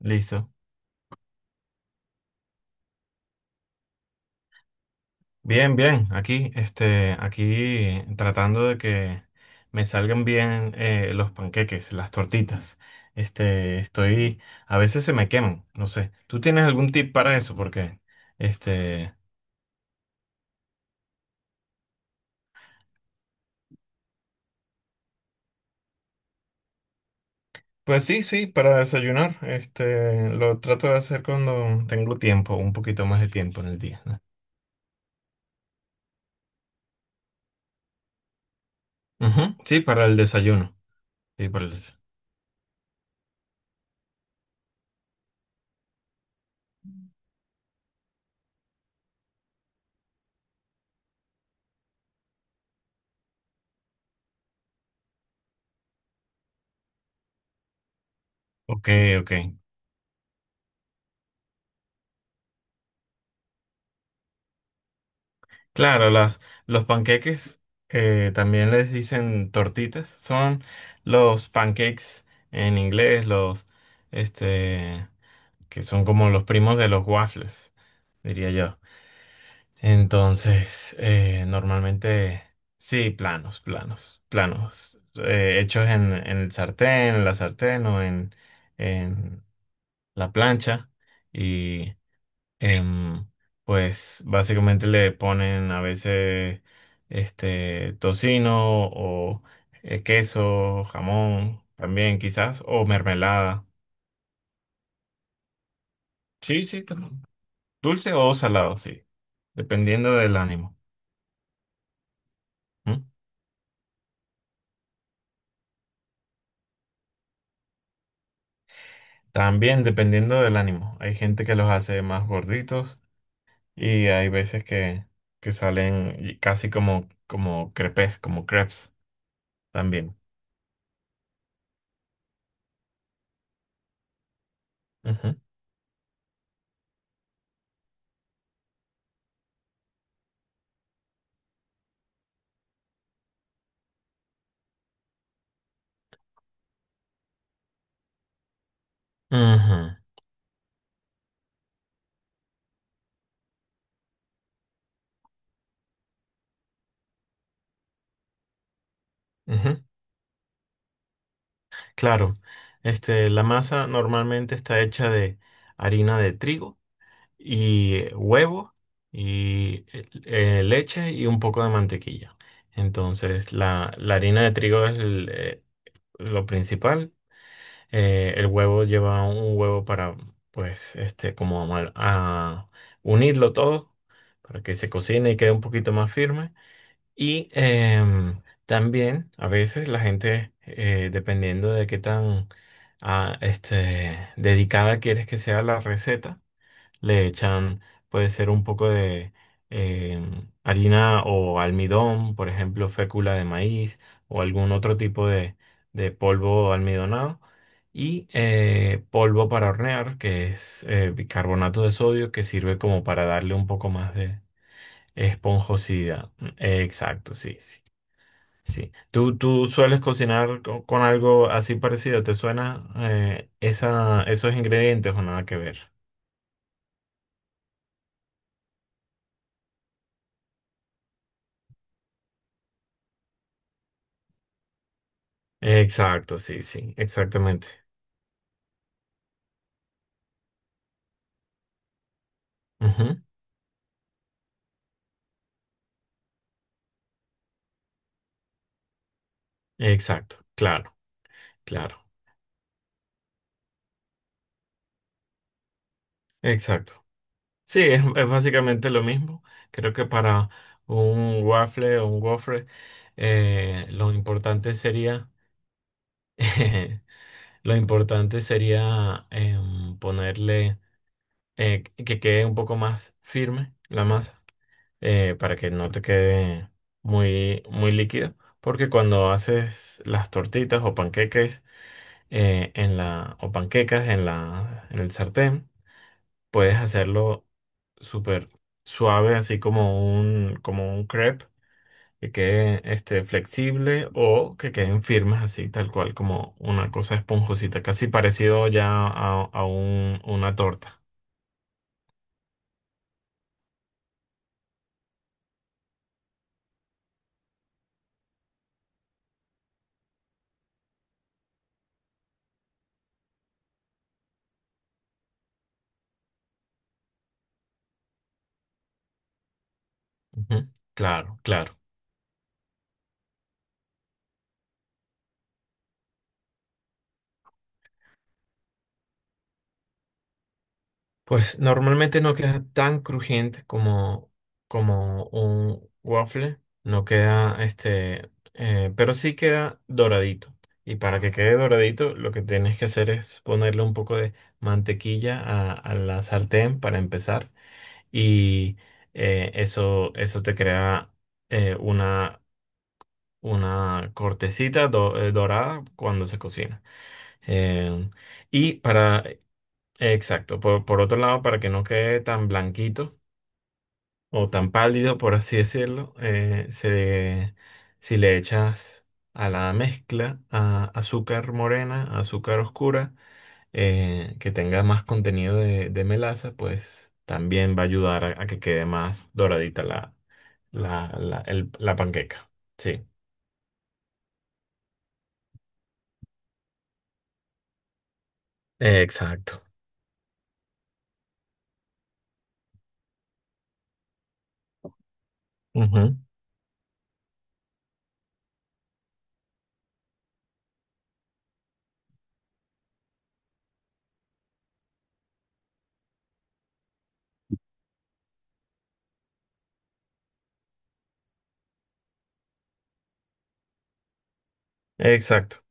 Listo. Bien, bien. Aquí tratando de que me salgan bien, los panqueques, las tortitas. Este, estoy, a veces se me queman, no sé. ¿Tú tienes algún tip para eso? Este, pues sí, sí, para desayunar. Lo trato de hacer cuando tengo tiempo, un poquito más de tiempo en el día, ¿no? Ujú, sí, para el desayuno. Sí, para el desayuno. Ok, ok. Claro, los panqueques, también les dicen tortitas. Son los pancakes en inglés, los este que son como los primos de los waffles, diría yo. Entonces, normalmente sí, planos, planos, planos, hechos en el sartén, en la sartén o en la plancha. em, pues básicamente le ponen a veces tocino o, queso, jamón también quizás, o mermelada. Sí, sí, claro. Dulce o salado, sí, dependiendo del ánimo. ¿M? También dependiendo del ánimo. Hay gente que los hace más gorditos y hay veces que salen y casi como crepes, como crepes también. Ujú. Ujú, ujú. Claro, la masa normalmente está hecha de harina de trigo y, huevo y, leche y un poco de mantequilla. Entonces, la harina de trigo es lo principal. El huevo lleva un huevo para, pues, como a unirlo todo para que se cocine y quede un poquito más firme. Y, también a veces la gente, dependiendo de qué tan dedicada quieres que sea la receta, le echan, puede ser un poco de, harina o almidón, por ejemplo, fécula de maíz o algún otro tipo de polvo almidonado. Y, polvo para hornear, que es, bicarbonato de sodio, que sirve como para darle un poco más de esponjosidad. Exacto, sí, sí. Sí. ¿Tú sueles cocinar con algo así parecido? ¿Te suena, esos ingredientes, o nada que ver? Exacto, sí, sí, exactamente. Ujú, exacto, claro, claro, exacto. Sí, es básicamente lo mismo. Creo que para un waffle o un gofre, lo importante sería, lo importante sería, ponerle, que quede un poco más firme la masa. Para que no te quede muy, muy líquido. Porque cuando haces las tortitas o panqueques, o panquecas en el sartén, puedes hacerlo súper suave, así como un crepe, que quede, flexible, o que queden firmes así, tal cual, como una cosa esponjosita, casi parecido ya a una torta. Ujú. Claro, claro. Pues normalmente no queda tan crujiente como un waffle, no queda, pero sí queda doradito. Y para que quede doradito, lo que tienes que hacer es ponerle un poco de mantequilla a la sartén para empezar. Y, eso te crea, eh, una, una cortecita dorada cuando se cocina. Eh, y para Exacto. Por otro lado, para que no quede tan blanquito o tan pálido, por así decirlo, si le echas a la mezcla, azúcar morena, azúcar oscura, que tenga más contenido de melaza, pues también va a ayudar a que quede más doradita la panqueca. Sí, exacto. Ujú, exacto.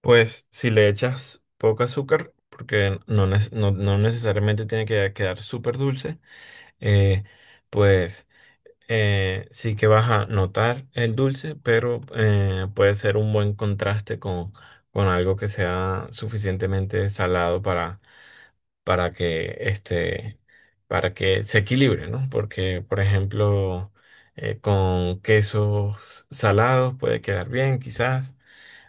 Pues si le echas poco azúcar, porque no necesariamente tiene que quedar súper dulce, eh, pues, sí que vas a notar el dulce, pero, puede ser un buen contraste con algo que sea suficientemente salado para que, para que se equilibre, ¿no? Porque, por ejemplo, con quesos salados puede quedar bien, quizás.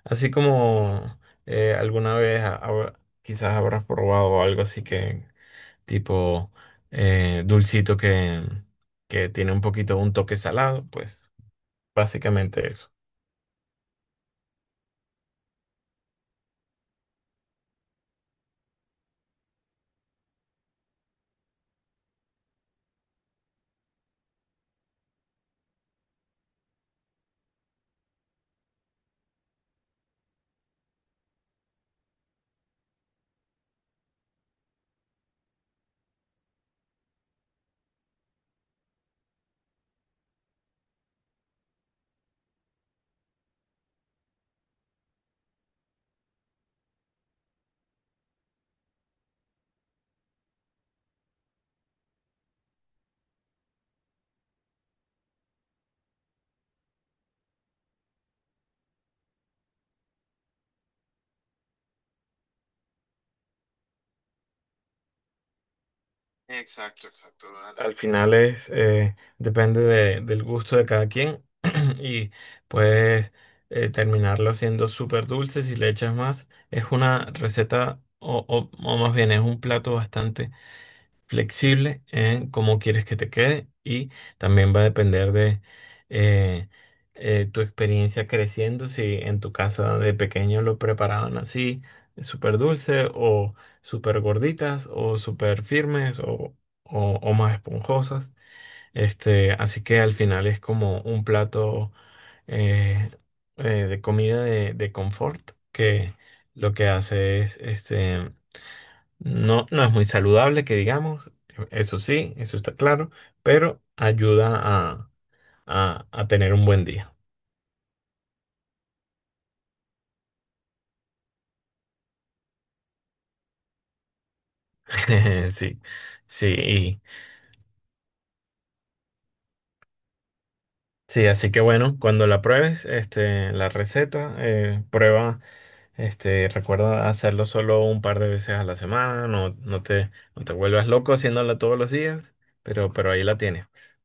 Así como, alguna vez quizás habrás probado algo así que tipo, dulcito que tiene un poquito un toque salado, pues básicamente eso. Exacto, exacto, dale. Al final depende del gusto de cada quien, y puedes, terminarlo siendo súper dulce si le echas más. Es una receta, o más bien es un plato bastante flexible en cómo quieres que te quede, y también va a depender de, eh, tu experiencia creciendo, si en tu casa de pequeño lo preparaban así, súper dulce o súper gorditas o súper firmes o más esponjosas. Así que al final es como un plato, eh, de comida de confort, que lo que hace es, no, no es muy saludable que digamos, eso sí, eso está claro, pero ayuda a tener un buen día. Sí, sí, sí, así que bueno, cuando la pruebes, la receta, prueba, recuerda hacerlo solo un par de veces a la semana, no, no te vuelvas loco haciéndola todos los días, pero ahí la tienes, pues.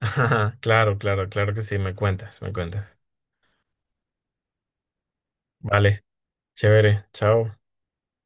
Claro, claro, claro que sí, me cuentas, me cuentas. Vale, chévere, chao.